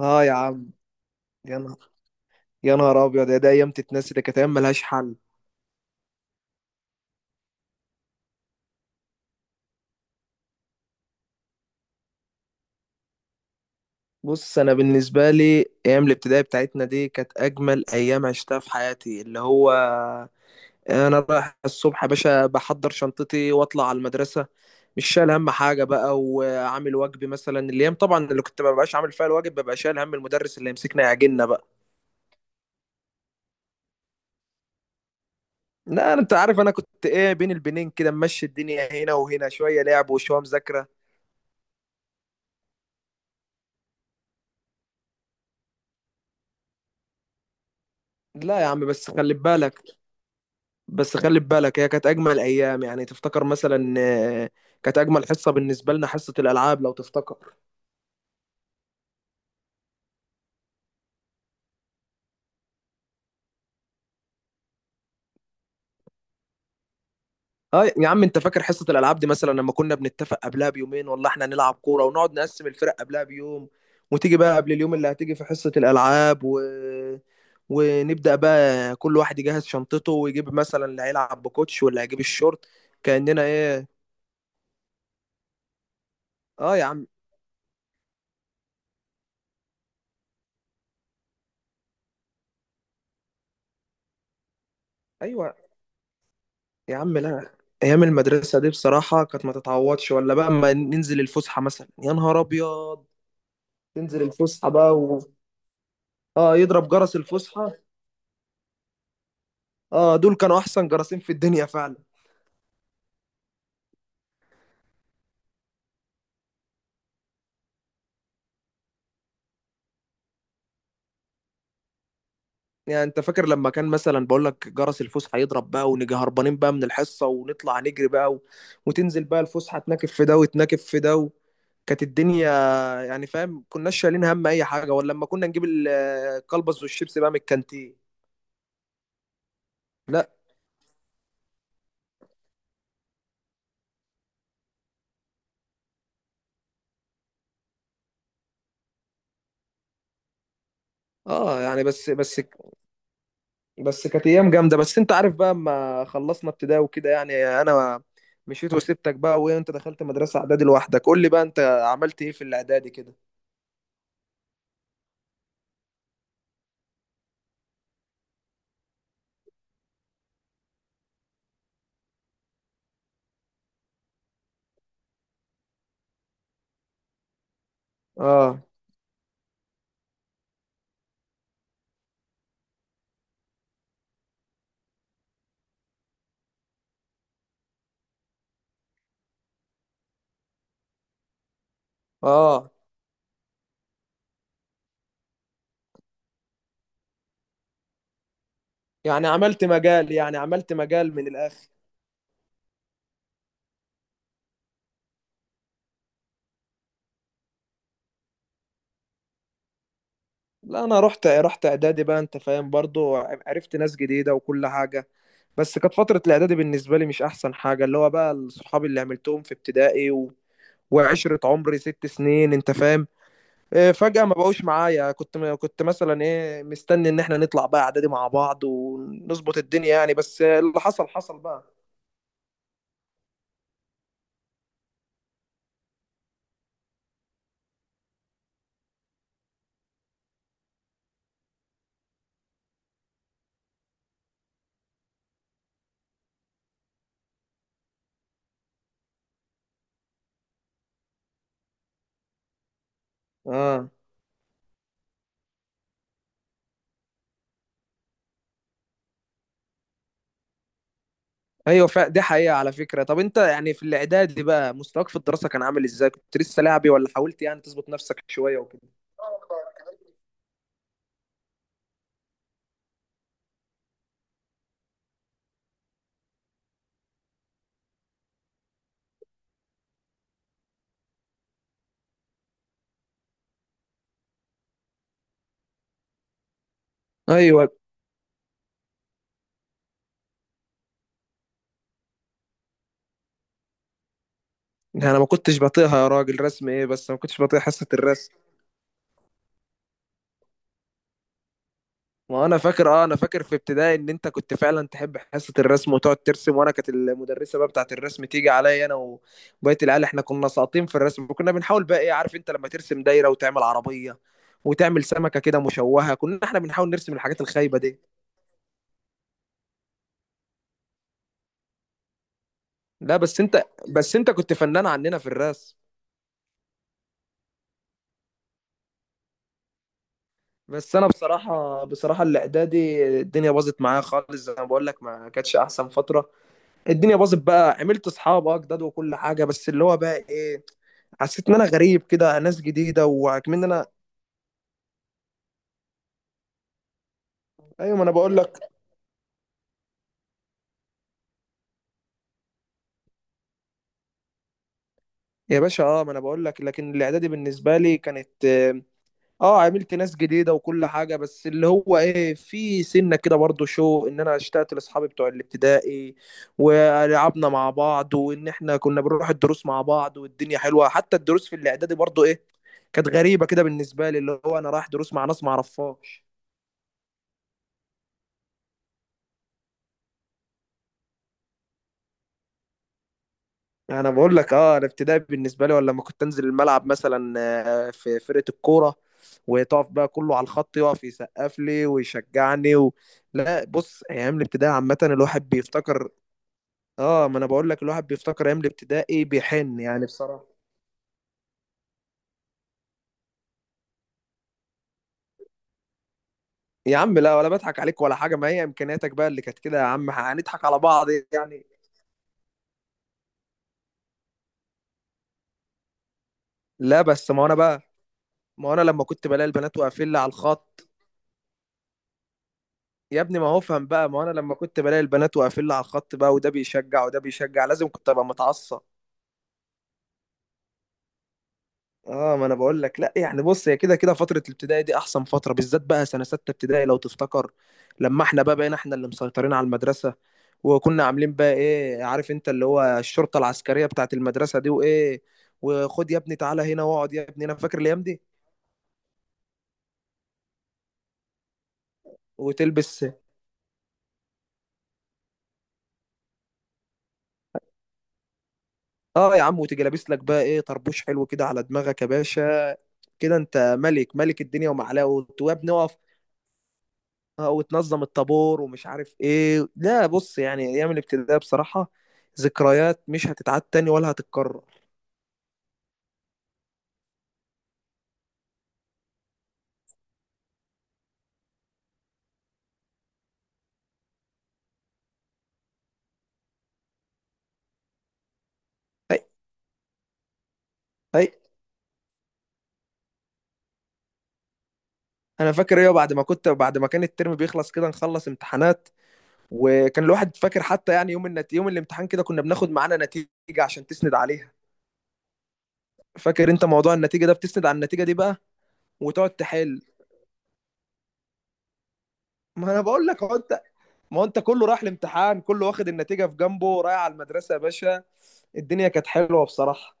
اه يا عم. يا نهار يا نهار ابيض، يا دي ايام تتنسي، ده كانت ايام ملهاش حل. بص، انا بالنسبه لي ايام الابتدائي بتاعتنا دي كانت اجمل ايام عشتها في حياتي، اللي هو انا رايح الصبح يا باشا، بحضر شنطتي واطلع على المدرسه، مش شايل هم حاجه بقى، وعامل واجبي مثلا. الايام طبعا اللي كنت ما ببقاش عامل فيها الواجب ببقى شايل هم المدرس اللي يمسكنا يعجلنا بقى. لا، انت عارف انا كنت ايه؟ بين البنين كده ممشي الدنيا، هنا وهنا شويه لعب وشويه مذاكره. لا يا عم، بس خلي بالك، هي كانت اجمل ايام. يعني تفتكر مثلا، كانت اجمل حصه بالنسبه لنا حصه الالعاب لو تفتكر. اه يا عم، انت فاكر حصه الالعاب دي؟ مثلا لما كنا بنتفق قبلها بيومين، والله احنا نلعب كوره ونقعد نقسم الفرق قبلها بيوم، وتيجي بقى قبل اليوم اللي هتيجي في حصه الالعاب. ونبدا بقى كل واحد يجهز شنطته ويجيب مثلا اللي هيلعب بكوتش واللي هيجيب الشورت، كاننا ايه. اه يا عم. ايوه. يا عم لا، ايام المدرسه دي بصراحه كانت ما تتعوضش، ولا بقى اما ننزل الفسحه مثلا، يا نهار ابيض، تنزل الفسحه بقى. اه يضرب جرس الفسحه. اه، دول كانوا احسن جرسين في الدنيا فعلا. يعني انت فاكر لما كان مثلا، بقول لك جرس الفسحه يضرب بقى، ونيجي هربانين بقى من الحصه ونطلع نجري بقى، وتنزل بقى الفسحه تناكف في ده وتناكف في ده، كانت الدنيا، يعني فاهم كناش شايلين هم اي حاجه؟ ولا لما كنا نجيب الكلبس والشيبس بقى من الكانتين. لا. اه يعني بس كانت ايام جامده. بس انت عارف بقى، اما خلصنا ابتدائي وكده، يعني انا مشيت وسبتك بقى، وانت دخلت مدرسه اعدادي لوحدك. قول لي بقى انت عملت ايه في الاعدادي كده؟ اه اه يعني عملت مجال من الاخر. لا انا رحت اعدادي بقى، انت فاهم برضو، عرفت ناس جديده وكل حاجه. بس كانت فتره الاعدادي بالنسبه لي مش احسن حاجه، اللي هو بقى الصحاب اللي عملتهم في ابتدائي، وعشره عمري ست سنين، انت فاهم، فجأة ما بقوش معايا. كنت مثلا ايه مستني ان احنا نطلع بقى اعدادي مع بعض ونظبط الدنيا، يعني بس اللي حصل حصل بقى. اه. ايوه، دي حقيقة على فكرة. طب انت يعني في الاعدادي بقى مستواك في الدراسة كان عامل ازاي؟ كنت لسه لاعبي، ولا حاولت يعني تظبط نفسك شوية وكده؟ ايوه. انا ما كنتش بطيئها يا راجل، رسم ايه؟ بس ما كنتش بطيء حصة الرسم. ما انا فاكر، اه انا فاكر في ابتدائي ان انت كنت فعلا تحب حصه الرسم وتقعد ترسم، وانا كانت المدرسه بقى بتاعه الرسم تيجي عليا انا وبقيه العيال، احنا كنا ساقطين في الرسم، وكنا بنحاول بقى ايه، عارف انت لما ترسم دايره وتعمل عربيه وتعمل سمكه كده مشوهه، كنا احنا بنحاول نرسم الحاجات الخايبه دي. لا بس انت، بس انت كنت فنان عننا في الرسم. بس انا بصراحه، بصراحه الاعدادي الدنيا باظت معايا خالص، زي ما بقول لك ما كانتش احسن فتره. الدنيا باظت بقى، عملت اصحاب اه جداد وكل حاجه، بس اللي هو بقى ايه، حسيت ان انا غريب كده، ناس جديده وكمان انا. ايوه ما انا بقول لك. يا باشا اه، ما انا بقول لك لكن الاعدادي بالنسبه لي كانت اه، عملت ناس جديده وكل حاجه، بس اللي هو ايه، في سنه كده برضو شو، ان انا اشتقت لاصحابي بتوع الابتدائي ولعبنا مع بعض، وان احنا كنا بنروح الدروس مع بعض، والدنيا حلوه. حتى الدروس في الاعدادي برضو ايه، كانت غريبه كده بالنسبه لي، اللي هو انا رايح دروس مع ناس ما اعرفهاش. انا بقول لك اه، الابتدائي بالنسبه لي، ولا لما كنت انزل الملعب مثلا، في فرقه الكوره، وتقف بقى كله على الخط، يقف يسقف لي ويشجعني. لا بص، ايام الابتدائي عامه الواحد بيفتكر. اه ما انا بقول لك، الواحد بيفتكر ايام الابتدائي بيحن يعني بصراحه. يا عم لا، ولا بضحك عليك ولا حاجه، ما هي امكانياتك بقى اللي كانت كده يا عم، هنضحك على بعض. يعني لا بس ما انا لما كنت بلاقي البنات واقفين لي على الخط. يا ابني ما هو افهم بقى، ما هو انا لما كنت بلاقي البنات واقفين لي على الخط بقى، وده بيشجع وده بيشجع، لازم كنت ابقى متعصب. اه ما انا بقول لك. لا يعني بص، هي كده كده فتره الابتدائي دي احسن فتره، بالذات بقى سنه سته ابتدائي لو تفتكر، لما احنا بقى بقينا احنا اللي مسيطرين على المدرسه، وكنا عاملين بقى ايه عارف انت، اللي هو الشرطه العسكريه بتاعت المدرسه دي وايه، وخد يا ابني تعالى هنا واقعد يا ابني، انا فاكر الايام دي. وتلبس. اه يا عم، وتيجي لابس لك بقى ايه طربوش حلو كده على دماغك يا باشا، كده انت ملك، ملك الدنيا ومعلاه وتواب نقف. وتنظم الطابور ومش عارف ايه. لا بص، يعني ايام الابتدائي بصراحة، ذكريات مش هتتعاد تاني ولا هتتكرر. هي هي انا فاكر ايه، بعد ما كان الترم بيخلص كده نخلص امتحانات، وكان الواحد فاكر حتى، يعني يوم يوم الامتحان كده كنا بناخد معانا نتيجة عشان تسند عليها. فاكر انت موضوع النتيجة ده؟ بتسند على النتيجة دي بقى وتقعد تحل. ما انا بقول لك اهو. ما هو انت كله راح الامتحان كله واخد النتيجه في جنبه رايح على المدرسه يا باشا، الدنيا كانت حلوه بصراحه.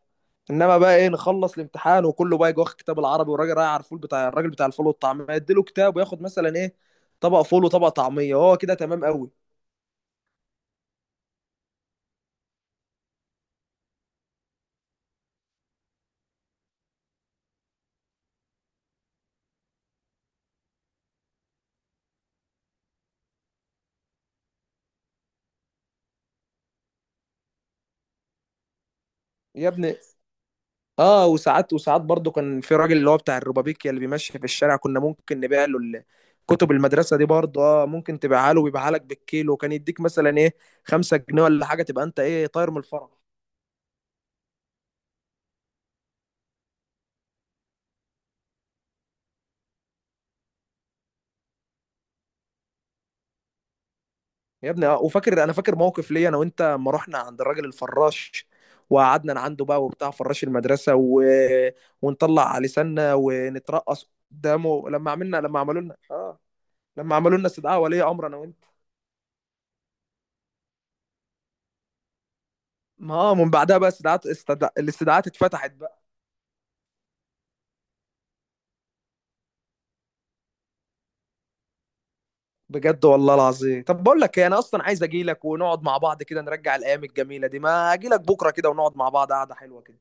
انما بقى ايه، نخلص الامتحان وكله بقى يجي واخد كتاب العربي، والراجل رايح على الفول، بتاع الراجل بتاع الفول والطعميه يديله كتاب وياخد مثلا ايه، طبق فول وطبق طعميه، هو كده تمام قوي. يا ابني اه، وساعات وساعات برضو كان في راجل اللي هو بتاع الروبابيكيا اللي بيمشي في الشارع، كنا ممكن نبيع له كتب المدرسه دي برضو، اه ممكن تبيعها له ويبيعها لك بالكيلو، وكان يديك مثلا ايه، خمسة جنيه ولا حاجه، تبقى انت ايه طاير من الفرح. يا ابني اه، وفاكر، انا فاكر موقف ليا انا وانت لما رحنا عند الراجل الفراش، وقعدنا عنده بقى وبتاع فراش المدرسه، ونطلع لساننا ونترقص قدامه، لما عملنا لما عملوا لنا استدعاء ولي امر انا وانت. ما من بعدها بقى استدعاءات الاستدعاءات اتفتحت بقى. بجد والله العظيم؟ طب بقول لك ايه، انا اصلا عايز اجي لك ونقعد مع بعض كده، نرجع الايام الجميله دي. ما اجي لك بكره كده ونقعد مع بعض قعده حلوه كده.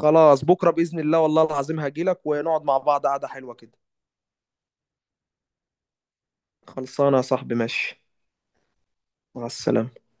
خلاص بكره باذن الله، والله العظيم هجي لك ونقعد مع بعض قعده حلوه كده. خلصانه يا صاحبي، ماشي. مع السلامة.